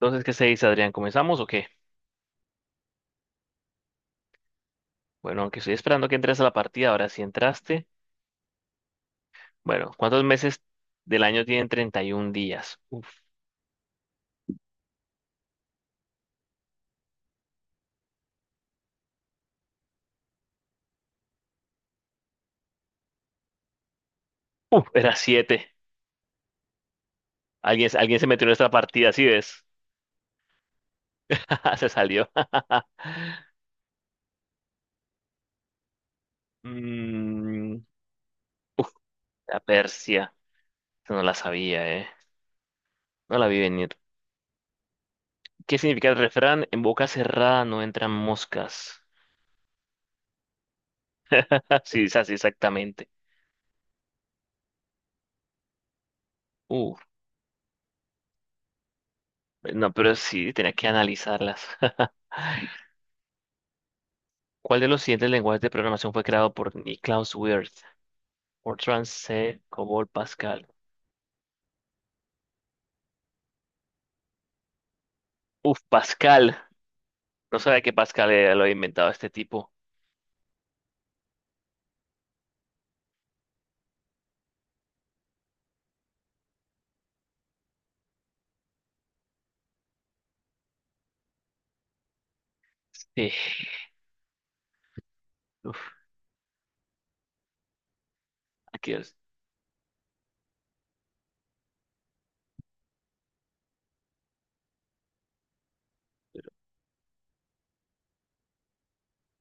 Entonces, ¿qué se dice, Adrián? ¿Comenzamos o qué? Bueno, aunque estoy esperando que entres a la partida, ahora sí entraste. Bueno, ¿cuántos meses del año tienen 31 días? Uf, era 7. Alguien se metió en esta partida, ¿sí ves? Se salió. Mm, Uf, la Persia. Esa no la sabía, ¿eh? No la vi venir. ¿Qué significa el refrán? En boca cerrada no entran moscas. Sí, es así exactamente. Uf, no, pero sí, tenía que analizarlas. ¿Cuál de los siguientes lenguajes de programación fue creado por Niklaus Wirth? Fortran, C, Cobol, Pascal. Uf, Pascal. No sabía que Pascal era- lo había inventado este tipo. Sí. Uf, aquí es-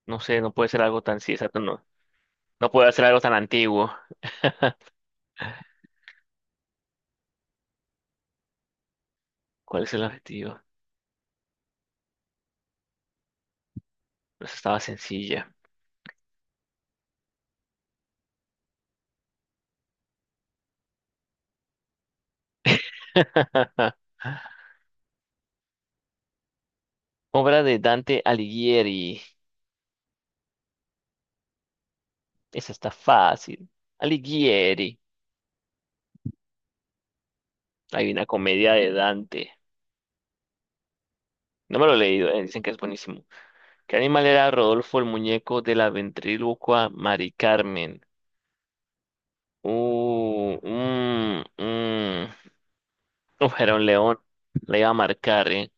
No sé, no puede ser algo tan... Sí, exacto, no. No puede ser algo tan antiguo. ¿Cuál es el objetivo? Pues estaba sencilla. Obra de Dante Alighieri. Esa está fácil. Alighieri. Hay una comedia de Dante. No me lo he leído, eh. Dicen que es buenísimo. ¿Qué animal era Rodolfo el muñeco de la ventrílocua Mari Carmen? Uh, mm, mm. Uf, era un león. Le iba a marcar, ¿eh?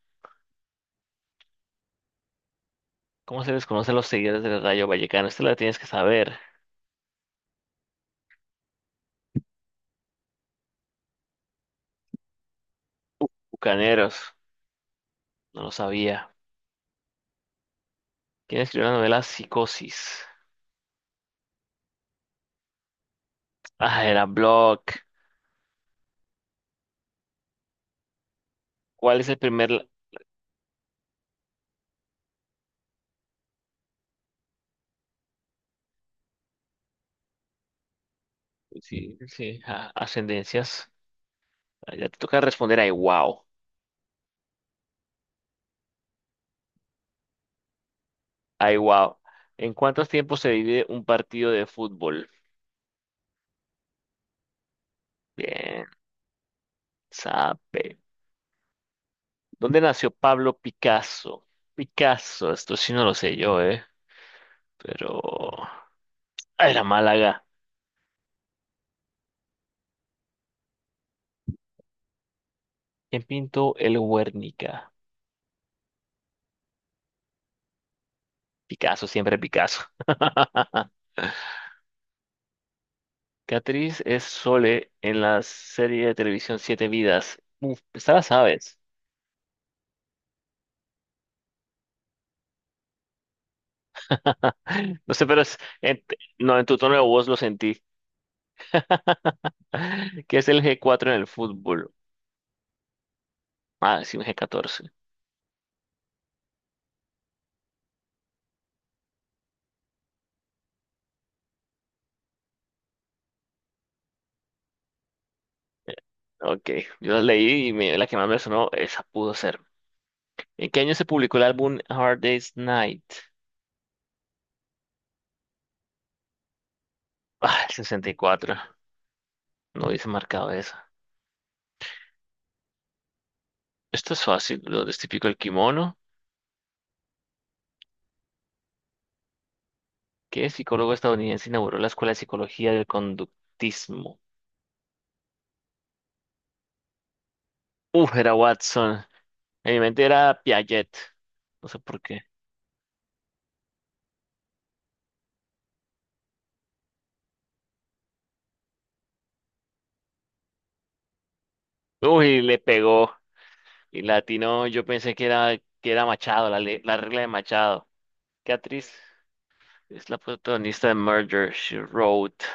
¿Cómo se les conoce a los seguidores del Rayo Vallecano? Esta la tienes que saber. Bucaneros. No lo sabía. ¿Quién escribió la novela Psicosis? Ah, era Block. ¿Cuál es el primer... la- Sí, sí. Ah, ascendencias. Ah, ya te toca responder. Ay, wow. Ay, wow. ¿En cuántos tiempos se divide un partido de fútbol? Bien, sabe. ¿Dónde nació Pablo Picasso? Picasso, esto sí no lo sé yo, ¿eh? Pero... Ah, era Málaga. ¿Quién pintó el Guernica? Picasso, siempre Picasso. ¿Qué actriz es Sole en la serie de televisión Siete Vidas? Uf, esta la sabes. No sé, pero es... no, en tu tono de voz lo sentí. ¿Qué es el G4 en el fútbol? Ah, sí, un G14. Ok, yo la leí y me- la que más me sonó, esa pudo ser. ¿En qué año se publicó el álbum Hard Day's Night? Ah, el 64. No hubiese marcado eso. Esto es fácil. Lo es típico el kimono. ¿Qué psicólogo estadounidense inauguró la Escuela de Psicología del Conductismo? Uf, era Watson. En mi mente era Piaget. No sé por qué. Uy, le pegó. Y latino, yo pensé que era Machado, la regla de Machado. ¿Qué actriz es la protagonista de Murder, She Wrote?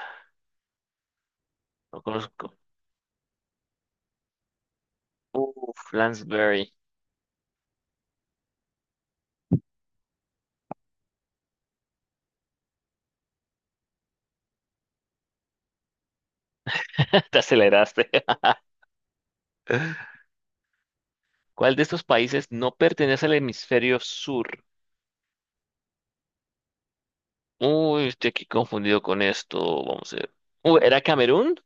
No conozco. Uf, Lansbury. Te aceleraste. ¿Cuál de estos países no pertenece al hemisferio sur? Uy, estoy aquí confundido con esto. Vamos a ver. Uy, ¿era Camerún?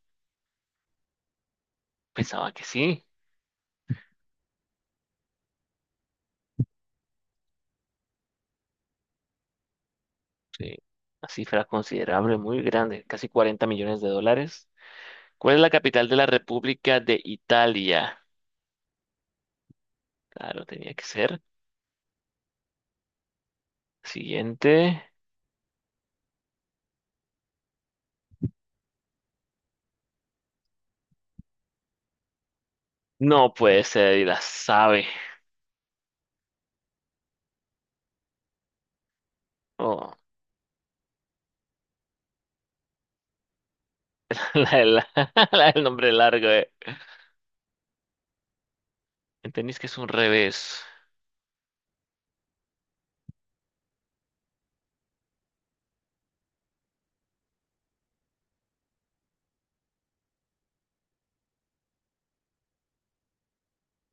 Pensaba que sí. Sí. Una cifra considerable, muy grande, casi 40 millones de dólares. ¿Cuál es la capital de la República de Italia? Claro, tenía que ser. Siguiente. No puede ser, y la sabe. Oh, la, del la del nombre largo, eh. ¿Entendís que es un revés?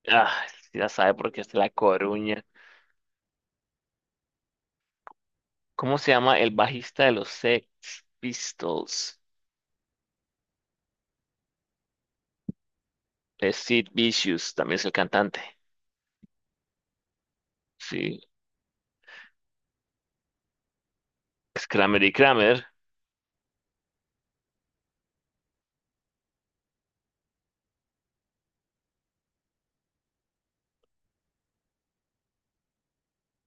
Ah, sí la sabe porque es de La Coruña. ¿Cómo se llama el bajista de los Sex Pistols? Es Sid Vicious, también es el cantante. Sí, es Kramer y Kramer,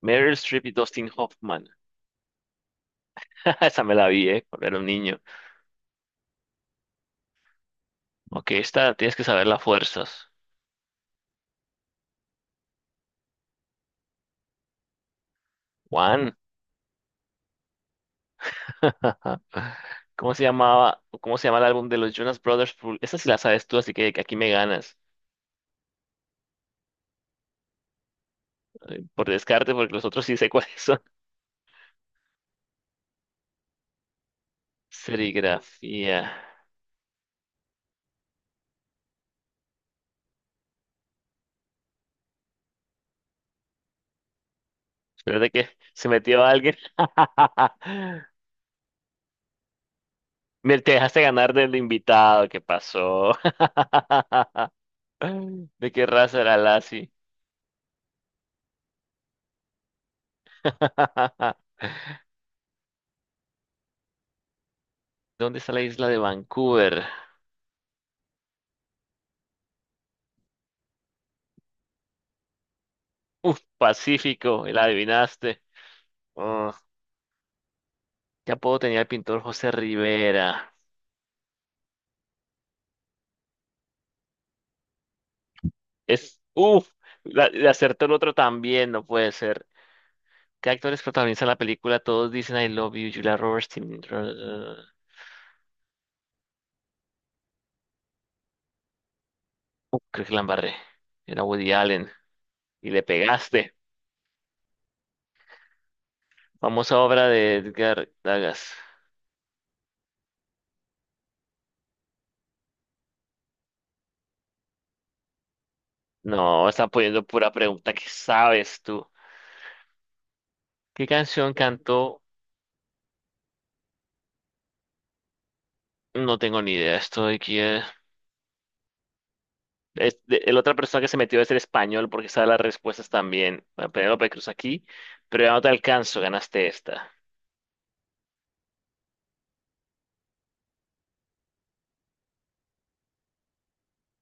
Meryl Streep y Dustin Hoffman. Esa me la vi, cuando era un niño. Ok, esta tienes que saber las fuerzas. Juan. ¿Cómo se llamaba? ¿Cómo se llama el álbum de los Jonas Brothers? Full- Esa sí la sabes tú, así que aquí me ganas. Por descarte, porque los otros sí sé cuáles son. Serigrafía. Espérate que se metió alguien. Me te dejaste ganar del invitado, ¿qué pasó? ¿De qué raza era Lassie? ¿Dónde está la isla de Vancouver? Uf, Pacífico, y la adivinaste. Oh, qué apodo tenía el pintor José Rivera. Es, uf, le acertó el otro también, no puede ser. ¿Qué actores protagonizan la película? Todos dicen I love you, Julia Roberts, Tim- Uh, creo que la embarré. Era Woody Allen. Y le pegaste. Famosa obra de Edgar Dagas. No, están poniendo pura pregunta. ¿Qué sabes tú? ¿Qué canción cantó? No tengo ni idea. Esto de aquí es de- la otra persona que se metió es el español porque sabe las respuestas también. Bueno, Penélope Cruz aquí, pero ya no te alcanzo. Ganaste esta.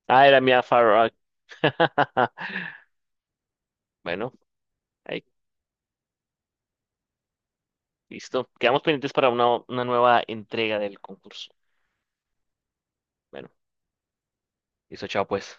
Ah, era Mia Farrow. Bueno, ahí, listo. Quedamos pendientes para una, nueva entrega del concurso. Bueno, listo, chao pues.